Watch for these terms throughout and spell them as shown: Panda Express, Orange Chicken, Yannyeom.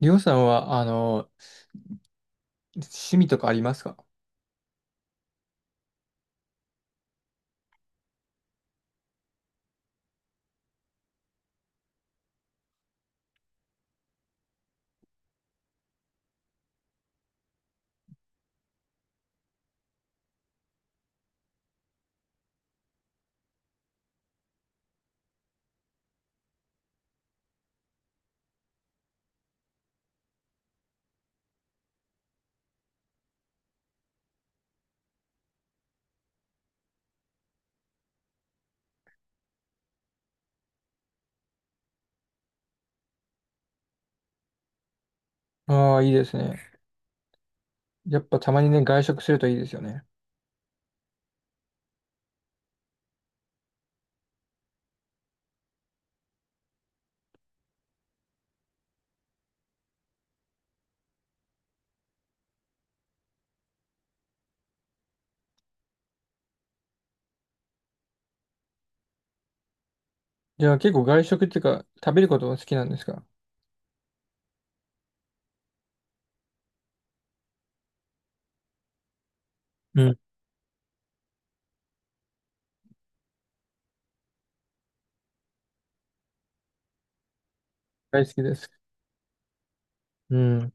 りょうさんは、趣味とかありますか？ああー、いいですね。やっぱたまにね、外食するといいですよね。じゃあ結構外食っていうか、食べることも好きなんですか？うん。大好きです。うん。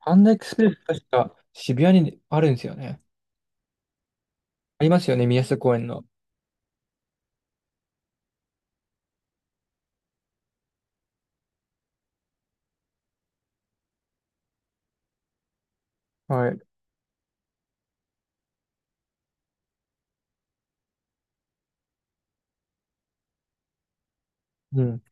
パンダエクスプレス確か渋谷にあるんですよね。ありますよね、宮下公園の。はい。うん。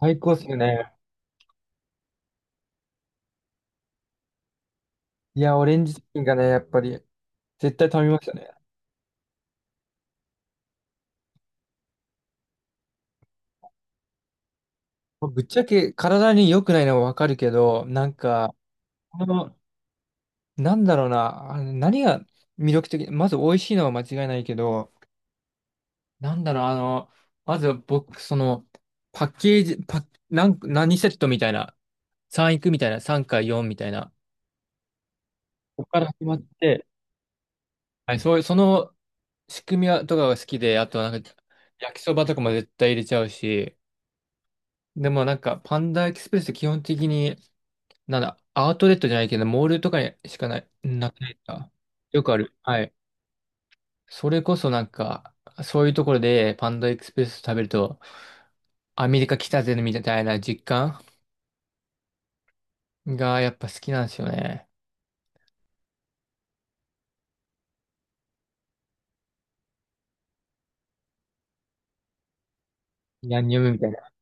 最高っすよね。いや、オレンジチキンがね、やっぱり、絶対食べましたね。ぶっちゃけ体に良くないのはわかるけど、なんか、この、なんだろうな、何が魅力的、まず美味しいのは間違いないけど、なんだろう、まず僕、その、パッケージ、なん何セットみたいな、3いくみたいな、3か4みたいな、ここから始まって、はい、そういう、その仕組みはとかが好きで、あとなんか、焼きそばとかも絶対入れちゃうし、でもなんか、パンダエキスプレスって基本的に、なんだ、アウトレットじゃないけど、モールとかにしかない、なくないですか。よくある。はい。それこそなんか、そういうところでパンダエクスプレス食べると、アメリカ来たぜみたいな実感がやっぱ好きなんですよね。ヤンニョムみたいな。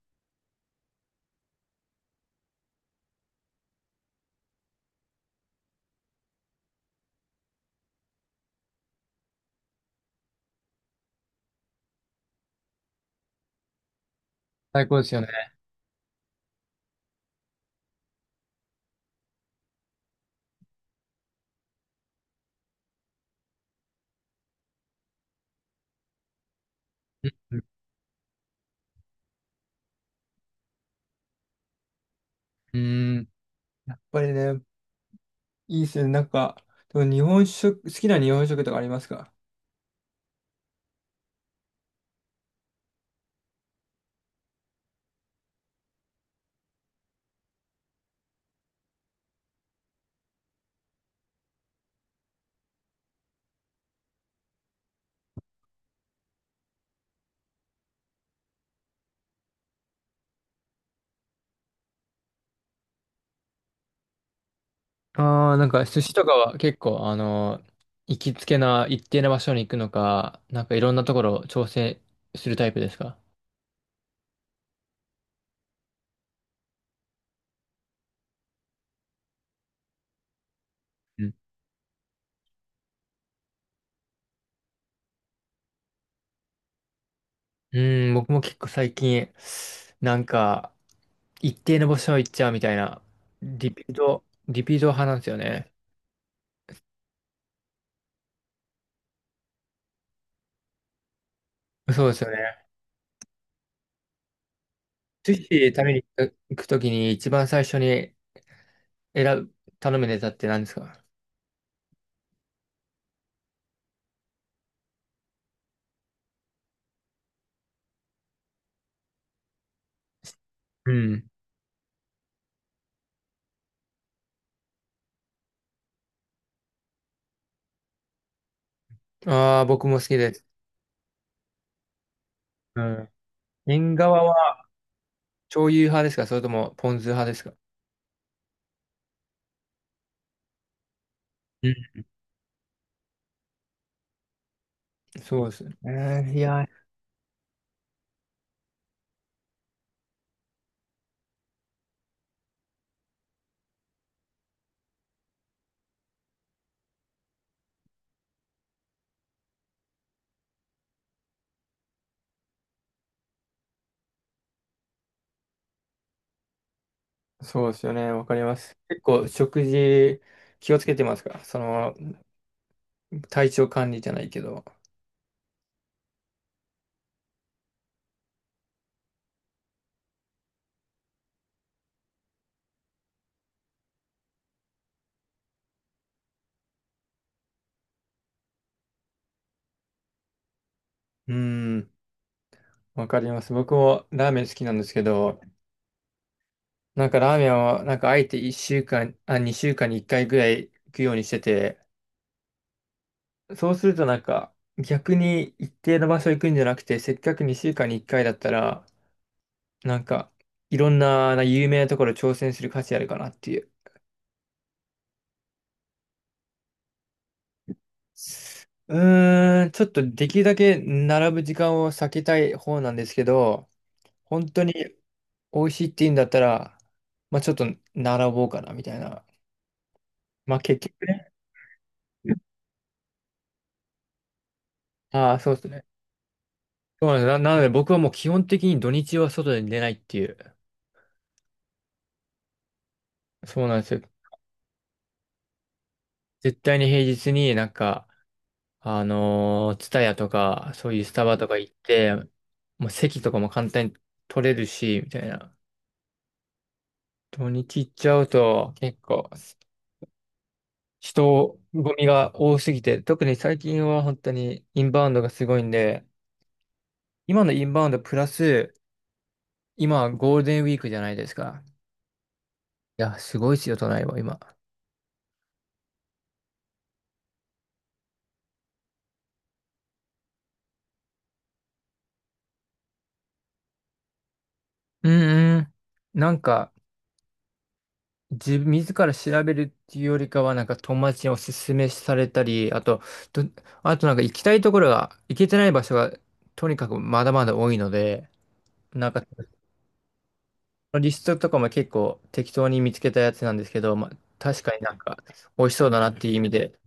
最高ですよね。うん。うん。やっぱりね、いいっすよね。なんか、でも日本食、好きな日本食とかありますか？ああ、なんか寿司とかは結構、行きつけな一定な場所に行くのか、なんかいろんなところを調整するタイプですか？うん、うん僕も結構最近、なんか、一定の場所行っちゃうみたいな、リピート派なんですよね。そうですよね。寿司食べに行くときに一番最初に選ぶ、頼むネタって何ですか？うん。ああ、僕も好きです。うん。縁側は醤油派ですか、それともポン酢派ですか？うん。そうですね。いや、そうですよね。わかります。結構食事気をつけてますか、その体調管理じゃないけど。うん。わかります。僕もラーメン好きなんですけど、なんかラーメンは、なんかあえて1週間、あ、2週間に1回ぐらい行くようにしてて、そうするとなんか逆に一定の場所行くんじゃなくて、せっかく2週間に1回だったら、なんかいろんな、な有名なところ挑戦する価値あるかなっていう。うーん、ちょっとできるだけ並ぶ時間を避けたい方なんですけど、本当に美味しいって言うんだったら、まあちょっと並ぼうかなみたいな。まあ結局ね。ああ、そうですね。そうなんです。な、なので僕はもう基本的に土日は外に出ないっていう。そうなんですよ。絶対に平日になんか、あのー、ツタヤとか、そういうスタバとか行って、もう席とかも簡単に取れるし、みたいな。土日行っちゃうと結構人混みが多すぎて、特に最近は本当にインバウンドがすごいんで、今のインバウンドプラス、今ゴールデンウィークじゃないですか。いや、すごいですよ、都内は今。うんうん。なんか、自分、自ら調べるっていうよりかは、なんか友達におすすめされたり、あと、と、あとなんか行きたいところが、行けてない場所が、とにかくまだまだ多いので、なんか、リストとかも結構適当に見つけたやつなんですけど、まあ、確かになんか、美味しそうだなっていう意味で、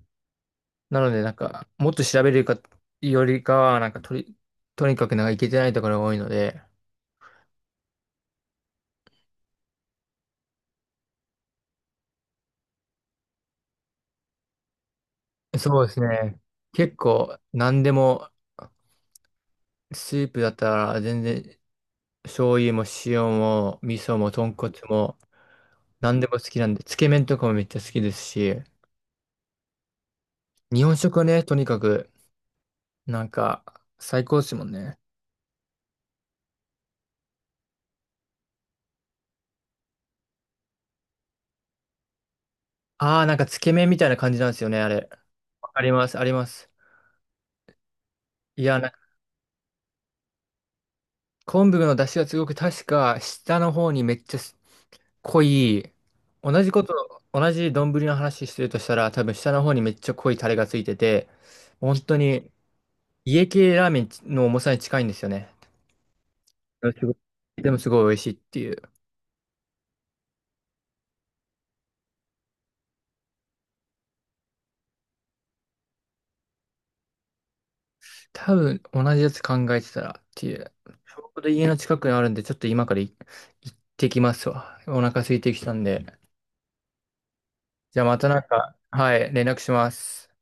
なのでなんか、もっと調べるか、よりかは、とにかくなんか行けてないところが多いので、そうですね。結構、何でも、スープだったら全然醤油も塩も味噌も豚骨も何でも好きなんで、つけ麺とかもめっちゃ好きですし、日本食はね、とにかく、なんか、最高ですもんね。ああ、なんかつけ麺みたいな感じなんですよね、あれ。わかります、あります。いや、なんか昆布の出汁がすごく確か下の方にめっちゃ濃い、同じこと、同じ丼の話してるとしたら、多分下の方にめっちゃ濃いタレがついてて、本当に家系ラーメンの重さに近いんですよね。あすごいでもすごい美味しいっていう。多分同じやつ考えてたらっていう。ちょうど家の近くにあるんで、ちょっと今から行ってきますわ。お腹空いてきたんで。じゃあまたなんか、はい、連絡します。